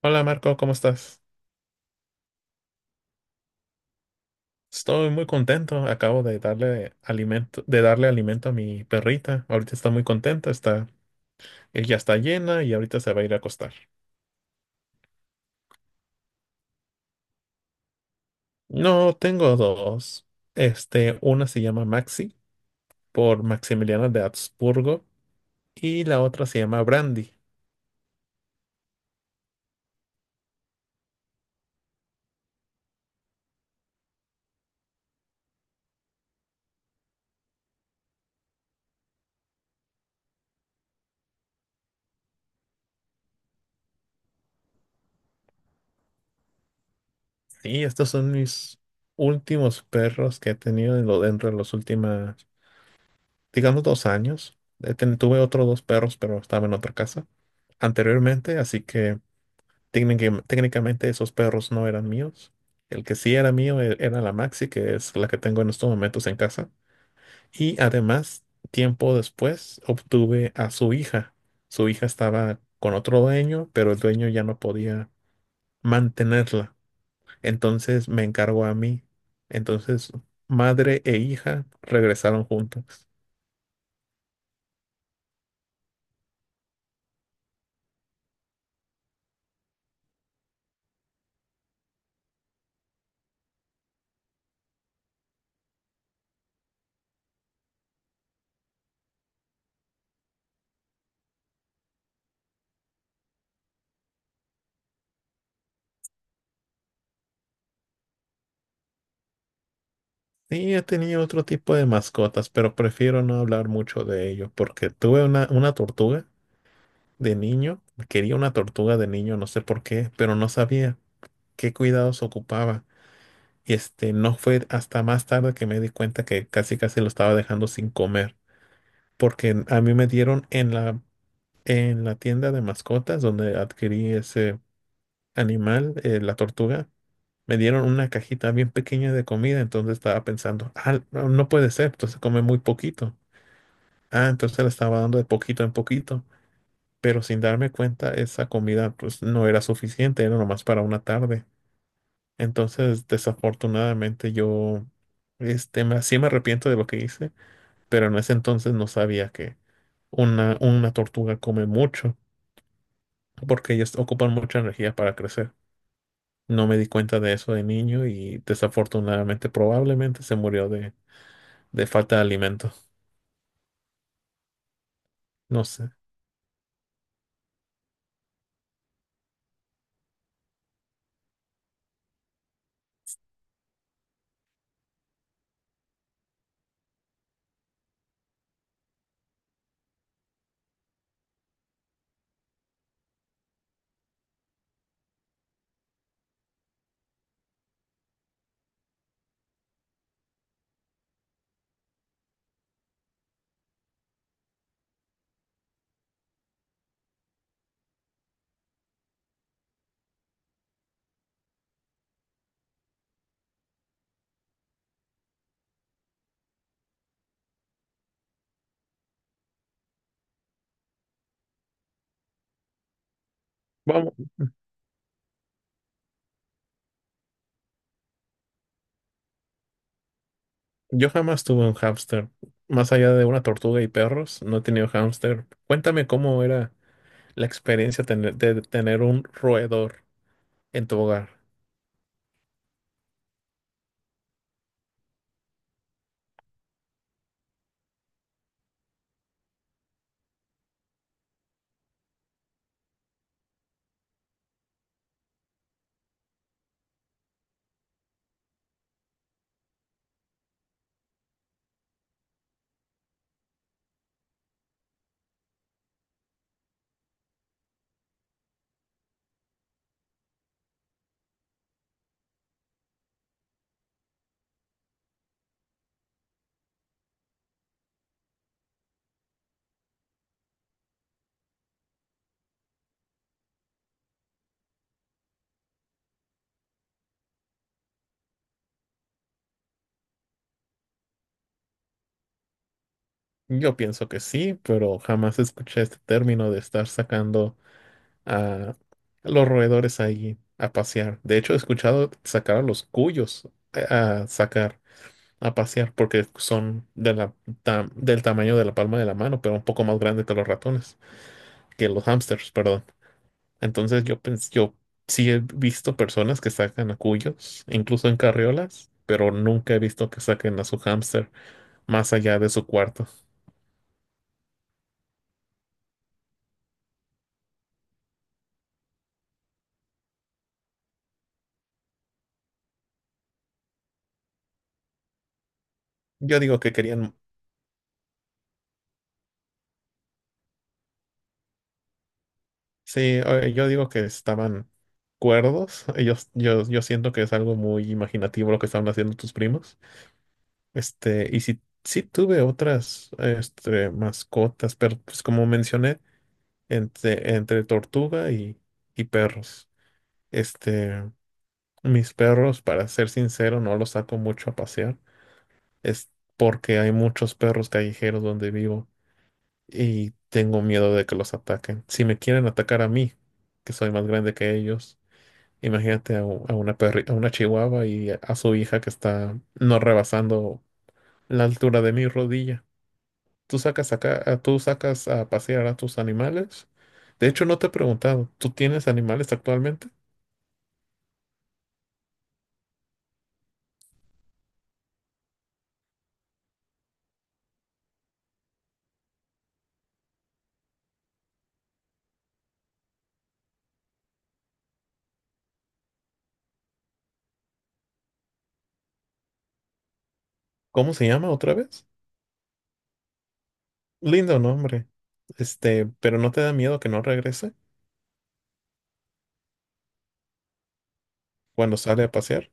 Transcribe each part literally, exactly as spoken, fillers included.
Hola Marco, ¿cómo estás? Estoy muy contento. Acabo de darle alimento, de darle alimento a mi perrita. Ahorita está muy contenta, está, ella está llena y ahorita se va a ir a acostar. No, tengo dos. Este, una se llama Maxi por Maximiliano de Habsburgo y la otra se llama Brandy. Sí, estos son mis últimos perros que he tenido en lo- dentro de los últimos, digamos, dos años. He ten- tuve otros dos perros, pero estaba en otra casa anteriormente, así que Técnicam- técnicamente esos perros no eran míos. El que sí era mío e- era la Maxi, que es la que tengo en estos momentos en casa. Y además, tiempo después, obtuve a su hija. Su hija estaba con otro dueño, pero el dueño ya no podía mantenerla. Entonces me encargó a mí. Entonces, madre e hija regresaron juntas. Sí, he tenido otro tipo de mascotas, pero prefiero no hablar mucho de ello porque tuve una, una tortuga. De niño, quería una tortuga de niño, no sé por qué, pero no sabía qué cuidados ocupaba. Y este, no fue hasta más tarde que me di cuenta que casi casi lo estaba dejando sin comer, porque a mí me dieron en la, en la tienda de mascotas donde adquirí ese animal, eh, la tortuga, me dieron una cajita bien pequeña de comida. Entonces estaba pensando, ah, no no puede ser, entonces come muy poquito. Ah, entonces le estaba dando de poquito en poquito, pero sin darme cuenta esa comida pues no era suficiente, era nomás para una tarde. Entonces, desafortunadamente yo este me, sí me arrepiento de lo que hice, pero en ese entonces no sabía que una, una tortuga come mucho, porque ellas ocupan mucha energía para crecer. No me di cuenta de eso de niño y desafortunadamente probablemente se murió de, de falta de alimento. No sé. Vamos, yo jamás tuve un hámster. Más allá de una tortuga y perros, no he tenido hámster. Cuéntame cómo era la experiencia tener- de tener un roedor en tu hogar. Yo pienso que sí, pero jamás escuché este término de estar sacando a los roedores ahí a pasear. De hecho, he escuchado sacar a los cuyos a, a sacar a pasear porque son de la, tam- del tamaño de la palma de la mano, pero un poco más grande que los ratones, que los hámsters, perdón. Entonces yo pens- yo sí he visto personas que sacan a cuyos, incluso en carriolas, pero nunca he visto que saquen a su hámster más allá de su cuarto. Yo digo que querían, sí, eh, yo digo que estaban cuerdos. Ellos, yo, yo siento que es algo muy imaginativo lo que estaban haciendo tus primos. Este, y si, sí tuve otras, este, mascotas, pero pues como mencioné, entre, entre tortuga y, y perros. Este, Mis perros, para ser sincero, no los saco mucho a pasear. Es porque hay muchos perros callejeros donde vivo y tengo miedo de que los ataquen. Si me quieren atacar a mí, que soy más grande que ellos, imagínate a, u- a una perri- a una chihuahua y a a su hija, que está no rebasando la altura de mi rodilla. ¿Tú sacas a, ca- a- tú sacas a pasear a tus animales? De hecho, no te he preguntado, ¿tú tienes animales actualmente? ¿Cómo se llama otra vez? Lindo nombre. Este, pero ¿no te da miedo que no regrese cuando sale a pasear?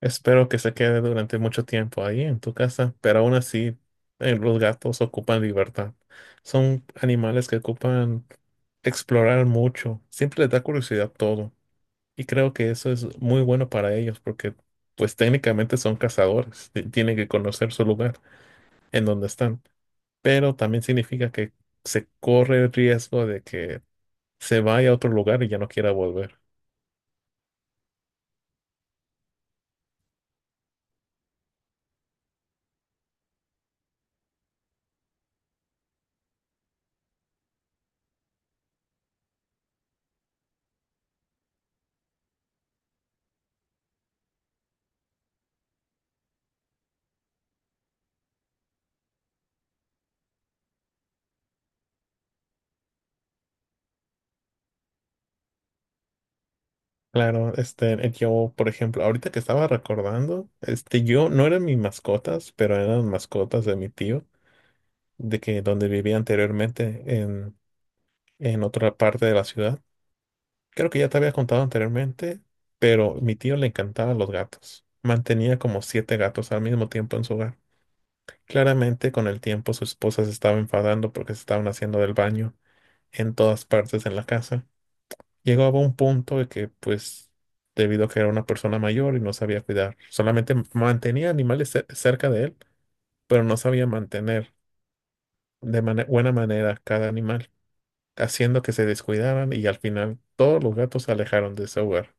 Espero que se quede durante mucho tiempo ahí en tu casa, pero aún así, eh, los gatos ocupan libertad. Son animales que ocupan explorar mucho. Siempre les da curiosidad todo. Y creo que eso es muy bueno para ellos porque, pues técnicamente son cazadores. ti- Tienen que conocer su lugar en donde están. Pero también significa que se corre el riesgo de que se vaya a otro lugar y ya no quiera volver. Claro, este, yo, por ejemplo, ahorita que estaba recordando, este, yo, no eran mis mascotas, pero eran mascotas de mi tío, de que donde vivía anteriormente en, en otra parte de la ciudad. Creo que ya te había contado anteriormente, pero mi tío le encantaban los gatos. Mantenía como siete gatos al mismo tiempo en su hogar. Claramente, con el tiempo, su esposa se estaba enfadando porque se estaban haciendo del baño en todas partes en la casa. Llegaba a un punto de que, pues, debido a que era una persona mayor y no sabía cuidar, solamente m- mantenía animales cer- cerca de él, pero no sabía mantener de mane- buena manera cada animal, haciendo que se descuidaran y al final todos los gatos se alejaron de ese hogar.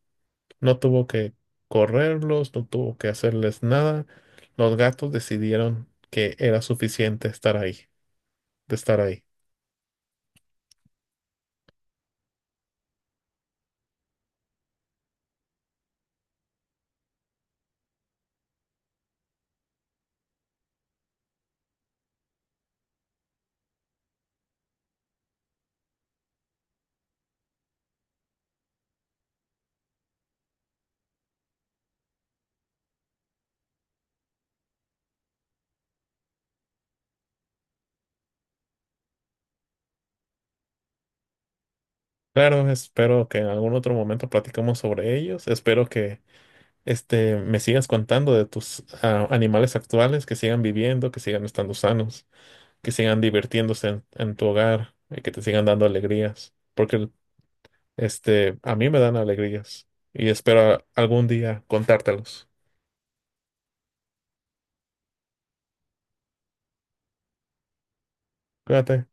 No tuvo que correrlos, no tuvo que hacerles nada. Los gatos decidieron que era suficiente estar ahí, de estar ahí. Claro, espero que en algún otro momento platicamos sobre ellos. Espero que este, me sigas contando de tus ah, animales actuales, que sigan viviendo, que sigan estando sanos, que sigan divirtiéndose en, en tu hogar y que te sigan dando alegrías, porque este, a mí me dan alegrías y espero algún día contártelos. Cuídate.